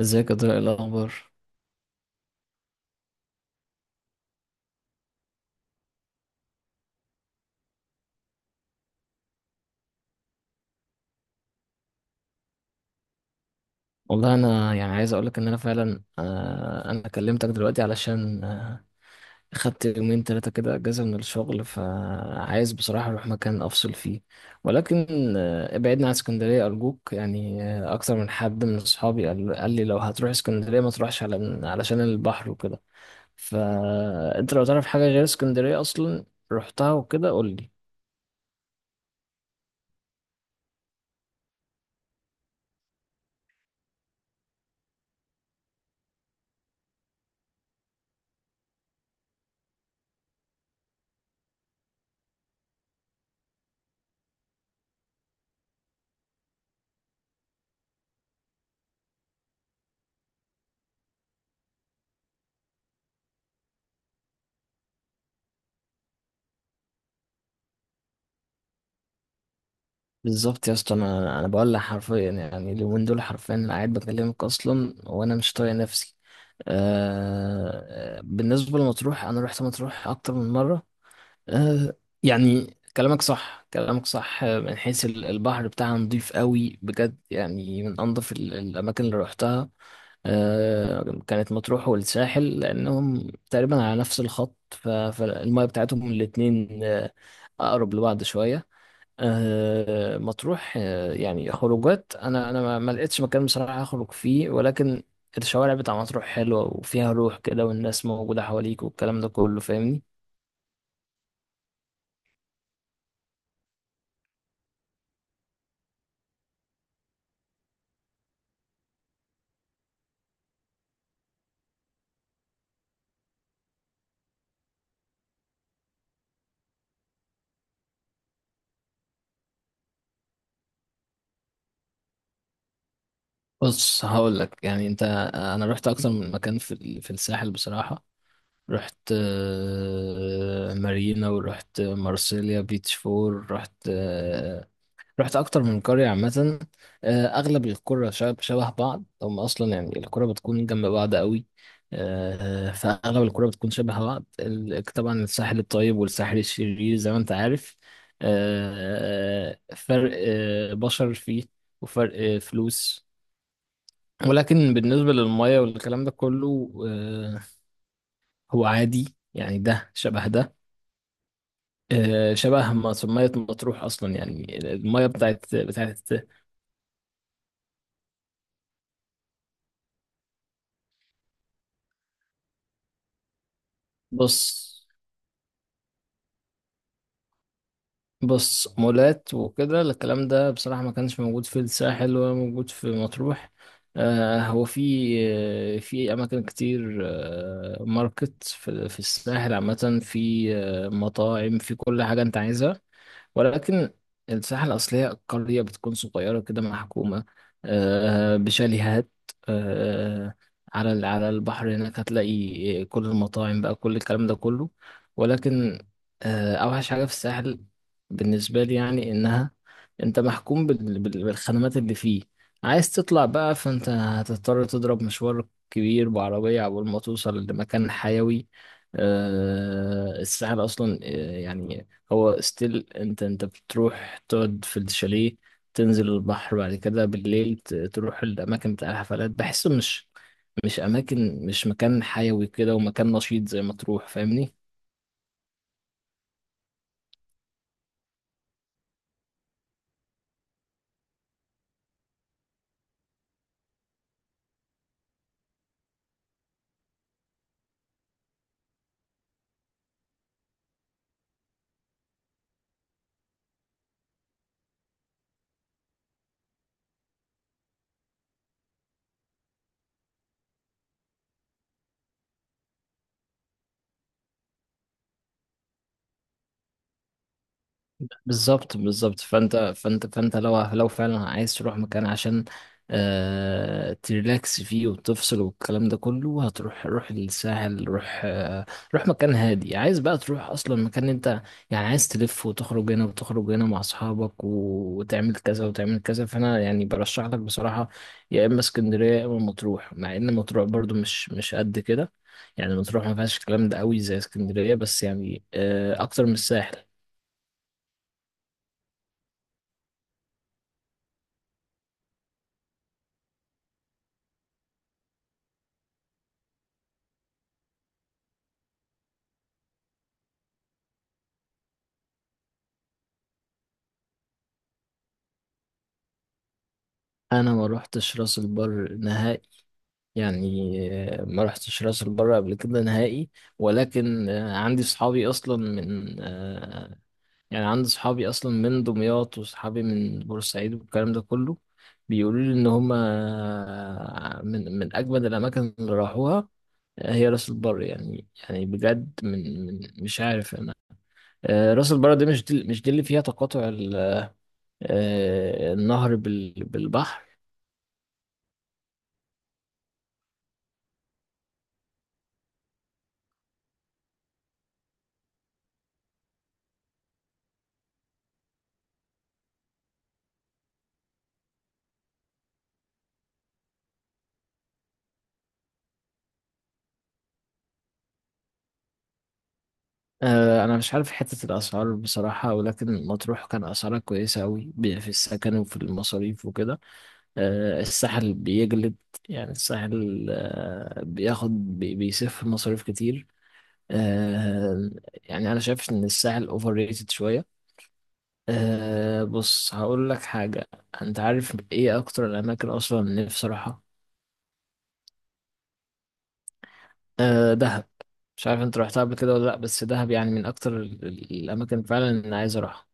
ازيك يا طارق؟ إيه الاخبار؟ والله انا، يعني، عايز اقولك ان انا فعلا، انا كلمتك دلوقتي علشان خدت يومين ثلاثه كده اجازه من الشغل، فعايز بصراحه اروح مكان افصل فيه. ولكن ابعدنا عن اسكندريه ارجوك. يعني اكتر من حد من اصحابي قال لي لو هتروح اسكندريه ما تروحش علشان البحر وكده. فانت لو تعرف حاجه غير اسكندريه اصلا رحتها وكده قول لي. بالظبط يا اسطى، انا بقول لك حرفيا، يعني اليومين دول حرفيا انا قاعد بكلمك اصلا وانا مش طايق نفسي. بالنسبه لمطروح، انا رحت مطروح اكتر من مره. آه يعني كلامك صح كلامك صح، من حيث البحر بتاعها نضيف قوي بجد، يعني من انضف الاماكن اللي رحتها. كانت مطروح والساحل لانهم تقريبا على نفس الخط، فالميه بتاعتهم الاتنين اقرب لبعض شويه. مطروح، يعني خروجات، انا ما لقيتش مكان بصراحه اخرج فيه، ولكن الشوارع بتاع مطروح حلوه وفيها روح كده، والناس موجوده حواليك والكلام ده كله، فاهمني. بص هقول لك، يعني انت انا رحت اكتر من مكان في في الساحل بصراحه. رحت مارينا، ورحت مارسيليا بيتش فور، رحت اكتر من قريه عامه. اغلب القرى شبه بعض، هم اصلا يعني القرى بتكون جنب بعض قوي. فاغلب القرى بتكون شبه بعض. طبعا الساحل الطيب والساحل الشرير زي ما انت عارف. فرق بشر فيه، وفرق فلوس، ولكن بالنسبه للميه والكلام ده كله، هو عادي يعني، ده شبه ده، شبه ما ميه مطروح اصلا، يعني الميه بتاعت. بص بص، مولات وكده الكلام ده بصراحة ما كانش موجود في الساحل ولا موجود في مطروح. هو في، في أماكن كتير، ماركت، في الساحل عامة، في مطاعم، في كل حاجة أنت عايزها. ولكن الساحة الأصلية القرية بتكون صغيرة كده، محكومة بشاليهات آه، على على البحر. هناك هتلاقي كل المطاعم بقى، كل الكلام ده كله. ولكن أوحش حاجة في الساحل بالنسبة لي، يعني إنها أنت محكوم بالخدمات اللي فيه. عايز تطلع بقى، فأنت هتضطر تضرب مشوار كبير بعربية عقبال ما توصل لمكان حيوي. الساحل أصلا، يعني هو ستيل، انت بتروح تقعد في الشاليه، تنزل البحر، بعد كده بالليل تروح الاماكن بتاع الحفلات. بحسه مش، مش اماكن، مش مكان حيوي كده ومكان نشيط زي ما تروح، فاهمني. بالظبط بالظبط، فانت لو فعلا عايز تروح مكان عشان تريلاكس فيه وتفصل والكلام ده كله، هتروح روح الساحل. روح روح مكان هادي. عايز بقى تروح اصلا مكان انت، يعني عايز تلف وتخرج هنا وتخرج هنا مع اصحابك وتعمل كذا وتعمل كذا، فانا يعني برشح لك بصراحة يا اما اسكندرية يا اما مطروح. مع ان مطروح برضو مش قد كده، يعني مطروح ما فيهاش الكلام ده قوي زي اسكندرية، بس يعني اكتر من الساحل. انا ما روحتش راس البر نهائي، يعني ما روحتش راس البر قبل كده نهائي. ولكن عندي صحابي اصلا من يعني عندي صحابي اصلا من دمياط وصحابي من بورسعيد والكلام ده كله، بيقولوا لي ان هم من اجمد الاماكن اللي راحوها هي راس البر. يعني بجد، من مش عارف انا. راس البر دي مش دي اللي فيها تقاطع النهر بالبحر؟ انا مش عارف حتة الاسعار بصراحة، ولكن مطروح كان اسعارها كويسة قوي في السكن وفي المصاريف وكده. الساحل بيجلد، يعني الساحل بياخد بيصرف مصاريف كتير. آه، يعني انا شايف ان الساحل اوفر ريتد شوية. بص هقول لك حاجة، انت عارف ايه اكتر الاماكن اصلا نفسي اروحها؟ دهب. مش عارف انت رحتها قبل كده ولا لا، بس دهب يعني من اكتر الاماكن فعلا اللي أنا عايز اروحها.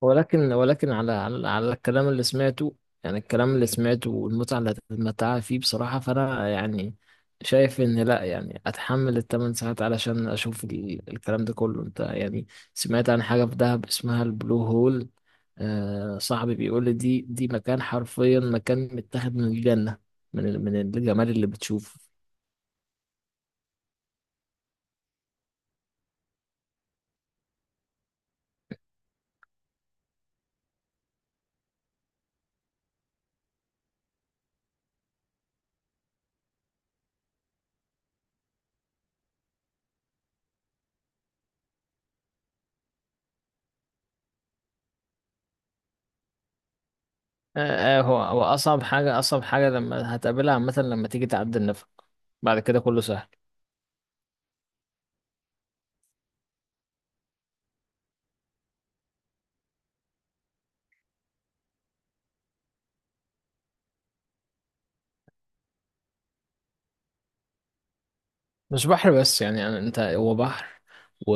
ولكن على على الكلام اللي سمعته، يعني الكلام اللي سمعته والمتعة اللي هتتمتعها فيه بصراحة، فأنا يعني شايف إن لأ، يعني أتحمل الثمان ساعات علشان أشوف الكلام ده كله. أنت يعني سمعت عن حاجة في دهب اسمها البلو هول؟ آه، صاحبي بيقول لي دي مكان، حرفيا مكان متاخد من الجنة، من من الجمال اللي بتشوفه. آه هو هو أصعب حاجة، أصعب حاجة لما هتقابلها عامة لما تيجي تعدي النفق، بعد كده كله سهل. مش بحر بس، يعني هو بحر و...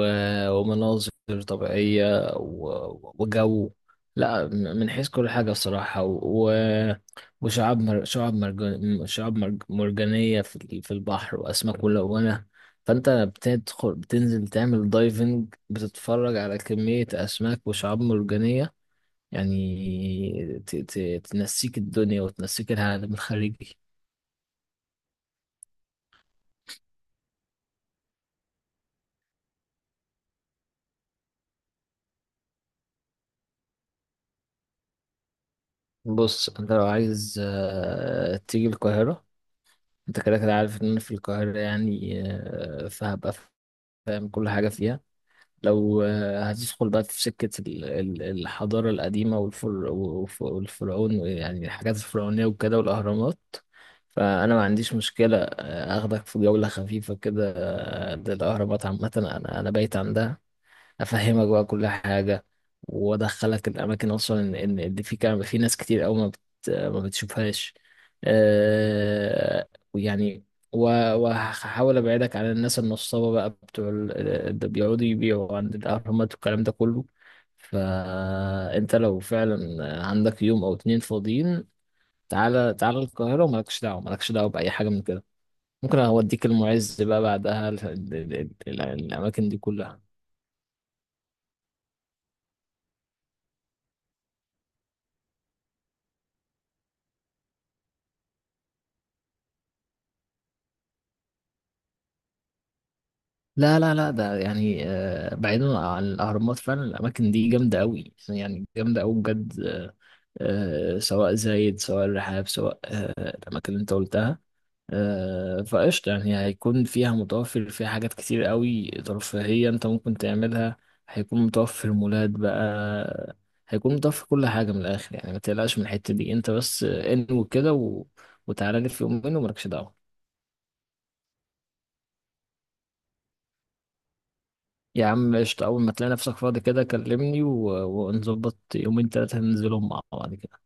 ومناظر طبيعية و... وجو. لا من حيث كل حاجة الصراحة، و... وشعاب شعاب شعاب مرجانية في في البحر وأسماك ملونة. فأنت بتدخل، بتنزل تعمل دايفنج، بتتفرج على كمية أسماك وشعاب مرجانية، يعني تنسيك الدنيا وتنسيك العالم الخارجي. بص انت لو عايز تيجي القاهرة، انت كده كده عارف ان انا في القاهرة يعني، فهبقى فاهم كل حاجة فيها. لو هتدخل بقى في سكة الحضارة القديمة، والفرعون، يعني الحاجات الفرعونية وكده والأهرامات، فأنا ما عنديش مشكلة أخدك في جولة خفيفة كده للأهرامات عامة. أنا أنا بايت عندها، افهمك بقى كل حاجه، وادخلك الاماكن اصلا، إن اللي في كان في ناس كتير قوي ما ما بتشوفهاش. أه... ويعني وهحاول ابعدك عن الناس النصابه بقى بتوع اللي بيقعدوا يبيعوا عند الاهرامات والكلام ده كله. فانت لو فعلا عندك يوم او اتنين فاضيين، تعالى تعالى القاهره ومالكش دعوه، مالكش دعوه باي حاجه من كده. ممكن اوديك المعز بقى بعدها الاماكن دي كلها. لا لا لا، ده يعني، بعيدا عن الأهرامات فعلا الأماكن دي جامدة أوي، يعني جامدة أوي بجد. سواء زايد، سواء الرحاب، سواء الأماكن اللي أنت قلتها، فقشطة. يعني هيكون فيها متوفر، فيها حاجات كتير أوي ترفيهية أنت ممكن تعملها، هيكون متوفر مولات بقى، هيكون متوفر كل حاجة من الآخر يعني. ما تقلقش من الحتة دي، أنت بس انوي كده و... وتعالى لي في يوم منه ومالكش دعوة. يا عم قشطة، أول ما تلاقي نفسك فاضي كده كلمني و... ونظبط يومين تلاتة ننزلهم مع بعض كده.